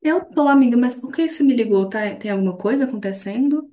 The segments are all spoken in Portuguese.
Eu tô, amiga, mas por que você me ligou? Tá, tem alguma coisa acontecendo?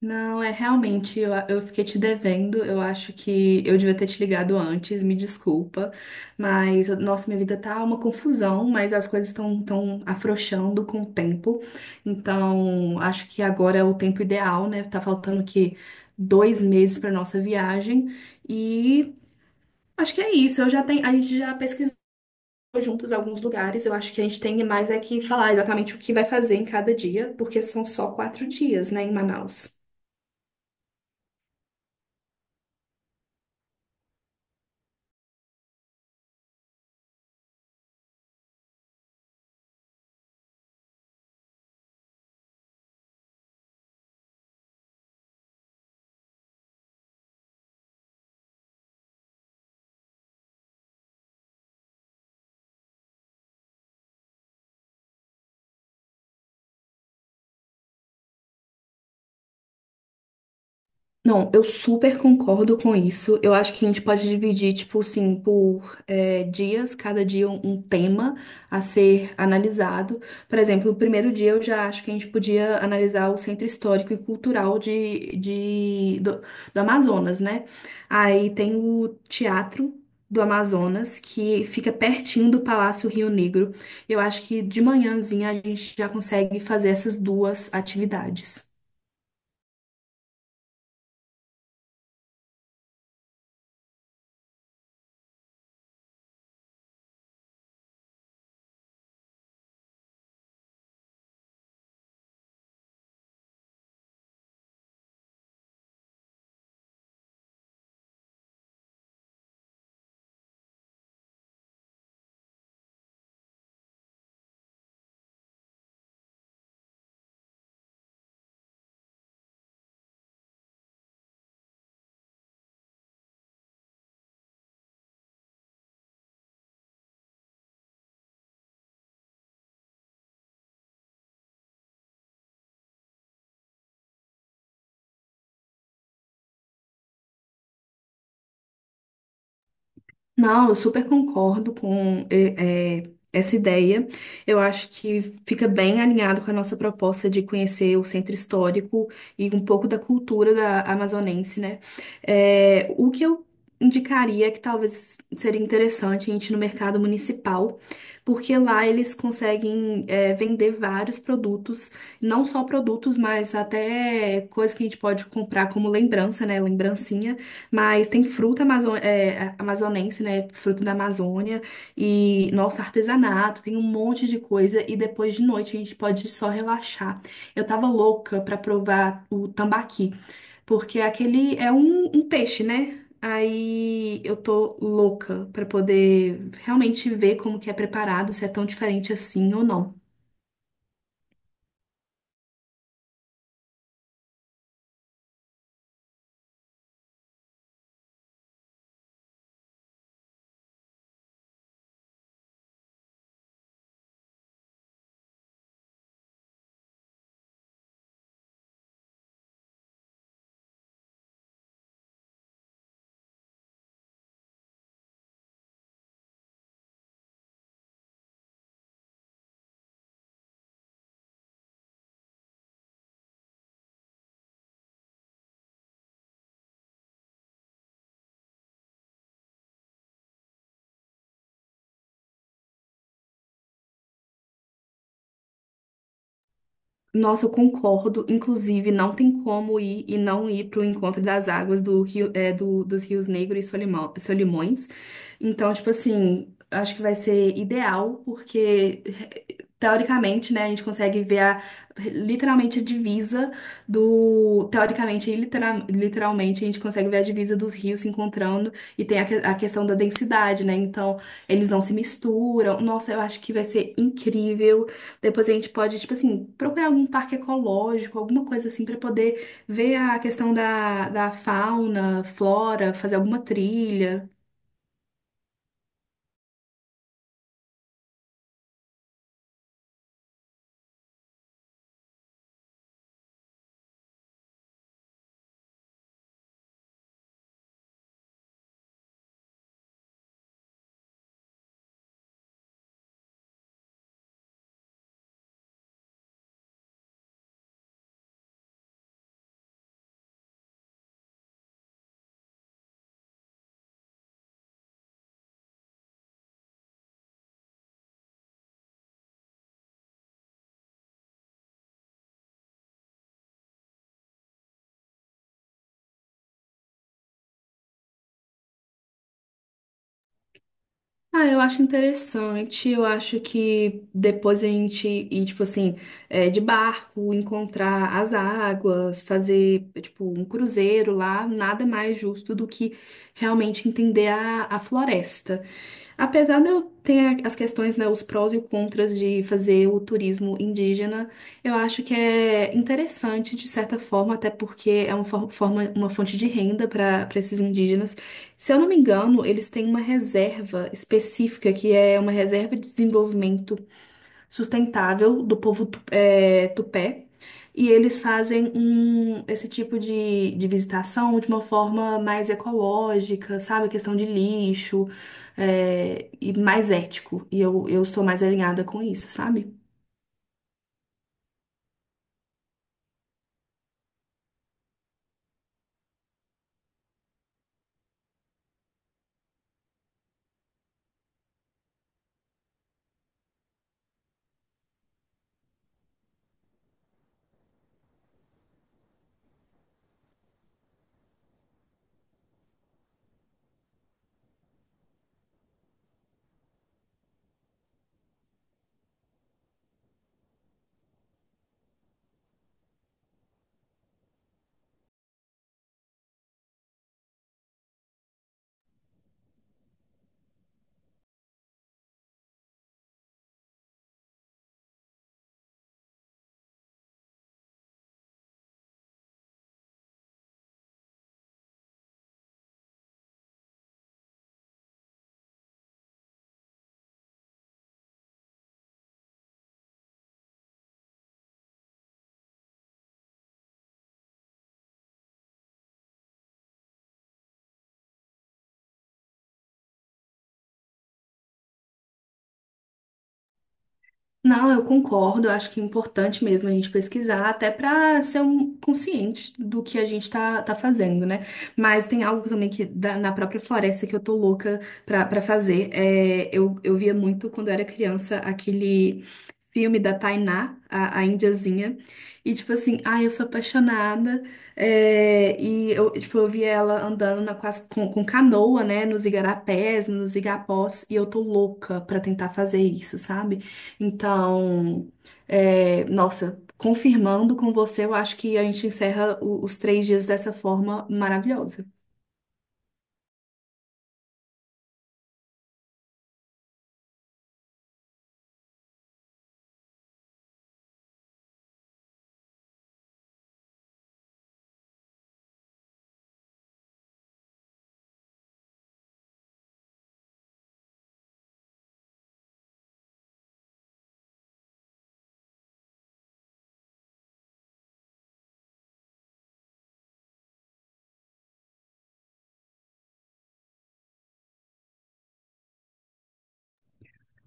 Não, é realmente, eu fiquei te devendo. Eu acho que eu devia ter te ligado antes, me desculpa. Mas, nossa, minha vida tá uma confusão, mas as coisas estão tão tão afrouxando com o tempo. Então, acho que agora é o tempo ideal, né? Tá faltando que 2 meses pra nossa viagem. E acho que é isso. Eu já tenho, a gente já pesquisou juntos alguns lugares. Eu acho que a gente tem mais é que falar exatamente o que vai fazer em cada dia, porque são só 4 dias, né, em Manaus. Não, eu super concordo com isso. Eu acho que a gente pode dividir, tipo assim, por dias, cada dia um tema a ser analisado. Por exemplo, o primeiro dia eu já acho que a gente podia analisar o centro histórico e cultural do Amazonas, né? Aí tem o Teatro do Amazonas, que fica pertinho do Palácio Rio Negro. Eu acho que de manhãzinha a gente já consegue fazer essas duas atividades. Não, eu super concordo com essa ideia. Eu acho que fica bem alinhado com a nossa proposta de conhecer o centro histórico e um pouco da cultura da amazonense, né? É, o que eu indicaria que talvez seria interessante a gente ir no mercado municipal, porque lá eles conseguem é, vender vários produtos, não só produtos, mas até coisas que a gente pode comprar como lembrança, né? Lembrancinha. Mas tem fruta amazonense, né? Fruto da Amazônia. E nosso artesanato, tem um monte de coisa. E depois de noite a gente pode só relaxar. Eu tava louca pra provar o tambaqui, porque aquele é um peixe, né? Aí eu tô louca pra poder realmente ver como que é preparado, se é tão diferente assim ou não. Nossa, eu concordo. Inclusive, não tem como ir e não ir para o encontro das águas do rio, é, do, dos rios Negro e Solimões. Então, tipo assim, acho que vai ser ideal, porque teoricamente, né, a gente consegue ver literalmente a divisa do. Teoricamente e literalmente, a gente consegue ver a divisa dos rios se encontrando e tem a questão da densidade, né? Então, eles não se misturam. Nossa, eu acho que vai ser incrível. Depois a gente pode, tipo assim, procurar algum parque ecológico, alguma coisa assim, para poder ver a questão da fauna, flora, fazer alguma trilha. Ah, eu acho interessante. Eu acho que depois a gente ir, tipo assim, é, de barco, encontrar as águas, fazer, tipo, um cruzeiro lá, nada mais justo do que realmente entender a floresta. Apesar de eu ter as questões, né, os prós e os contras de fazer o turismo indígena, eu acho que é interessante, de certa forma, até porque é uma forma, uma fonte de renda para esses indígenas. Se eu não me engano, eles têm uma reserva específica, que é uma reserva de desenvolvimento sustentável do povo tupé. E eles fazem um, esse tipo de visitação de uma forma mais ecológica, sabe? Questão de lixo, é, e mais ético. E eu sou mais alinhada com isso, sabe? Não, eu concordo. Eu acho que é importante mesmo a gente pesquisar, até para ser um consciente do que a gente está tá tá fazendo, né? Mas tem algo também que na própria floresta que eu tô louca pra fazer. É, eu via muito quando eu era criança aquele filme da Tainá, a indiazinha, e tipo assim, ai, eu sou apaixonada. É, e eu, tipo, eu via ela andando na, com, as- com canoa, né, nos igarapés, nos igapós, e eu tô louca pra tentar fazer isso, sabe? Então, é, nossa, confirmando com você, eu acho que a gente encerra os 3 dias dessa forma maravilhosa.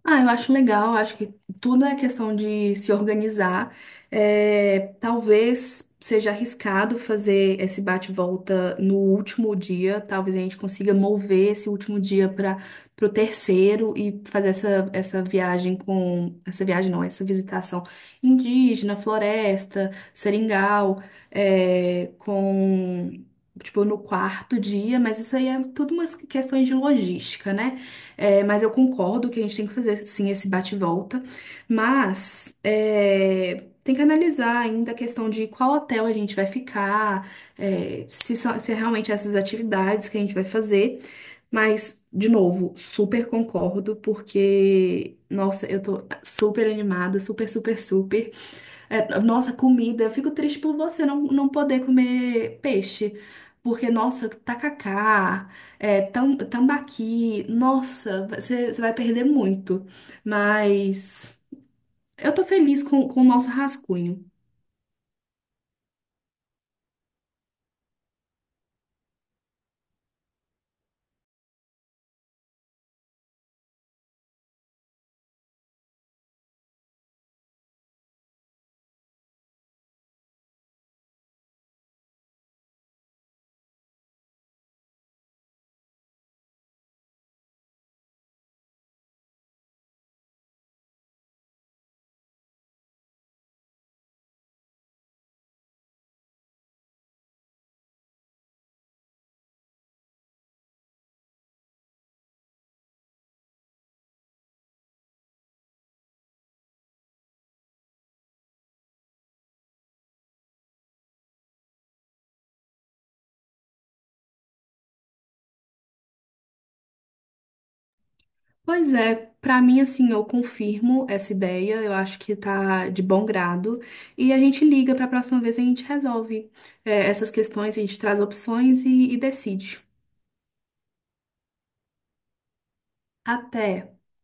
Ah, eu acho legal, acho que tudo é questão de se organizar. É, talvez seja arriscado fazer esse bate-volta no último dia, talvez a gente consiga mover esse último dia para o terceiro e fazer essa viagem com. Essa viagem não, essa visitação indígena, floresta, seringal, é, com. Tipo, no quarto dia, mas isso aí é tudo umas questões de logística, né? É, mas eu concordo que a gente tem que fazer sim esse bate-volta, mas é, tem que analisar ainda a questão de qual hotel a gente vai ficar, é, se, se é realmente essas atividades que a gente vai fazer. Mas, de novo, super concordo, porque, nossa, eu tô super animada, super, super, super. É, nossa, comida. Eu fico triste por você não poder comer peixe. Porque, nossa, tacacá, é, tambaqui, nossa, você vai perder muito. Mas eu tô feliz com o nosso rascunho. Pois é, pra mim, assim, eu confirmo essa ideia. Eu acho que tá de bom grado. E a gente liga pra próxima vez e a gente resolve, é, essas questões, a gente traz opções e decide. Até.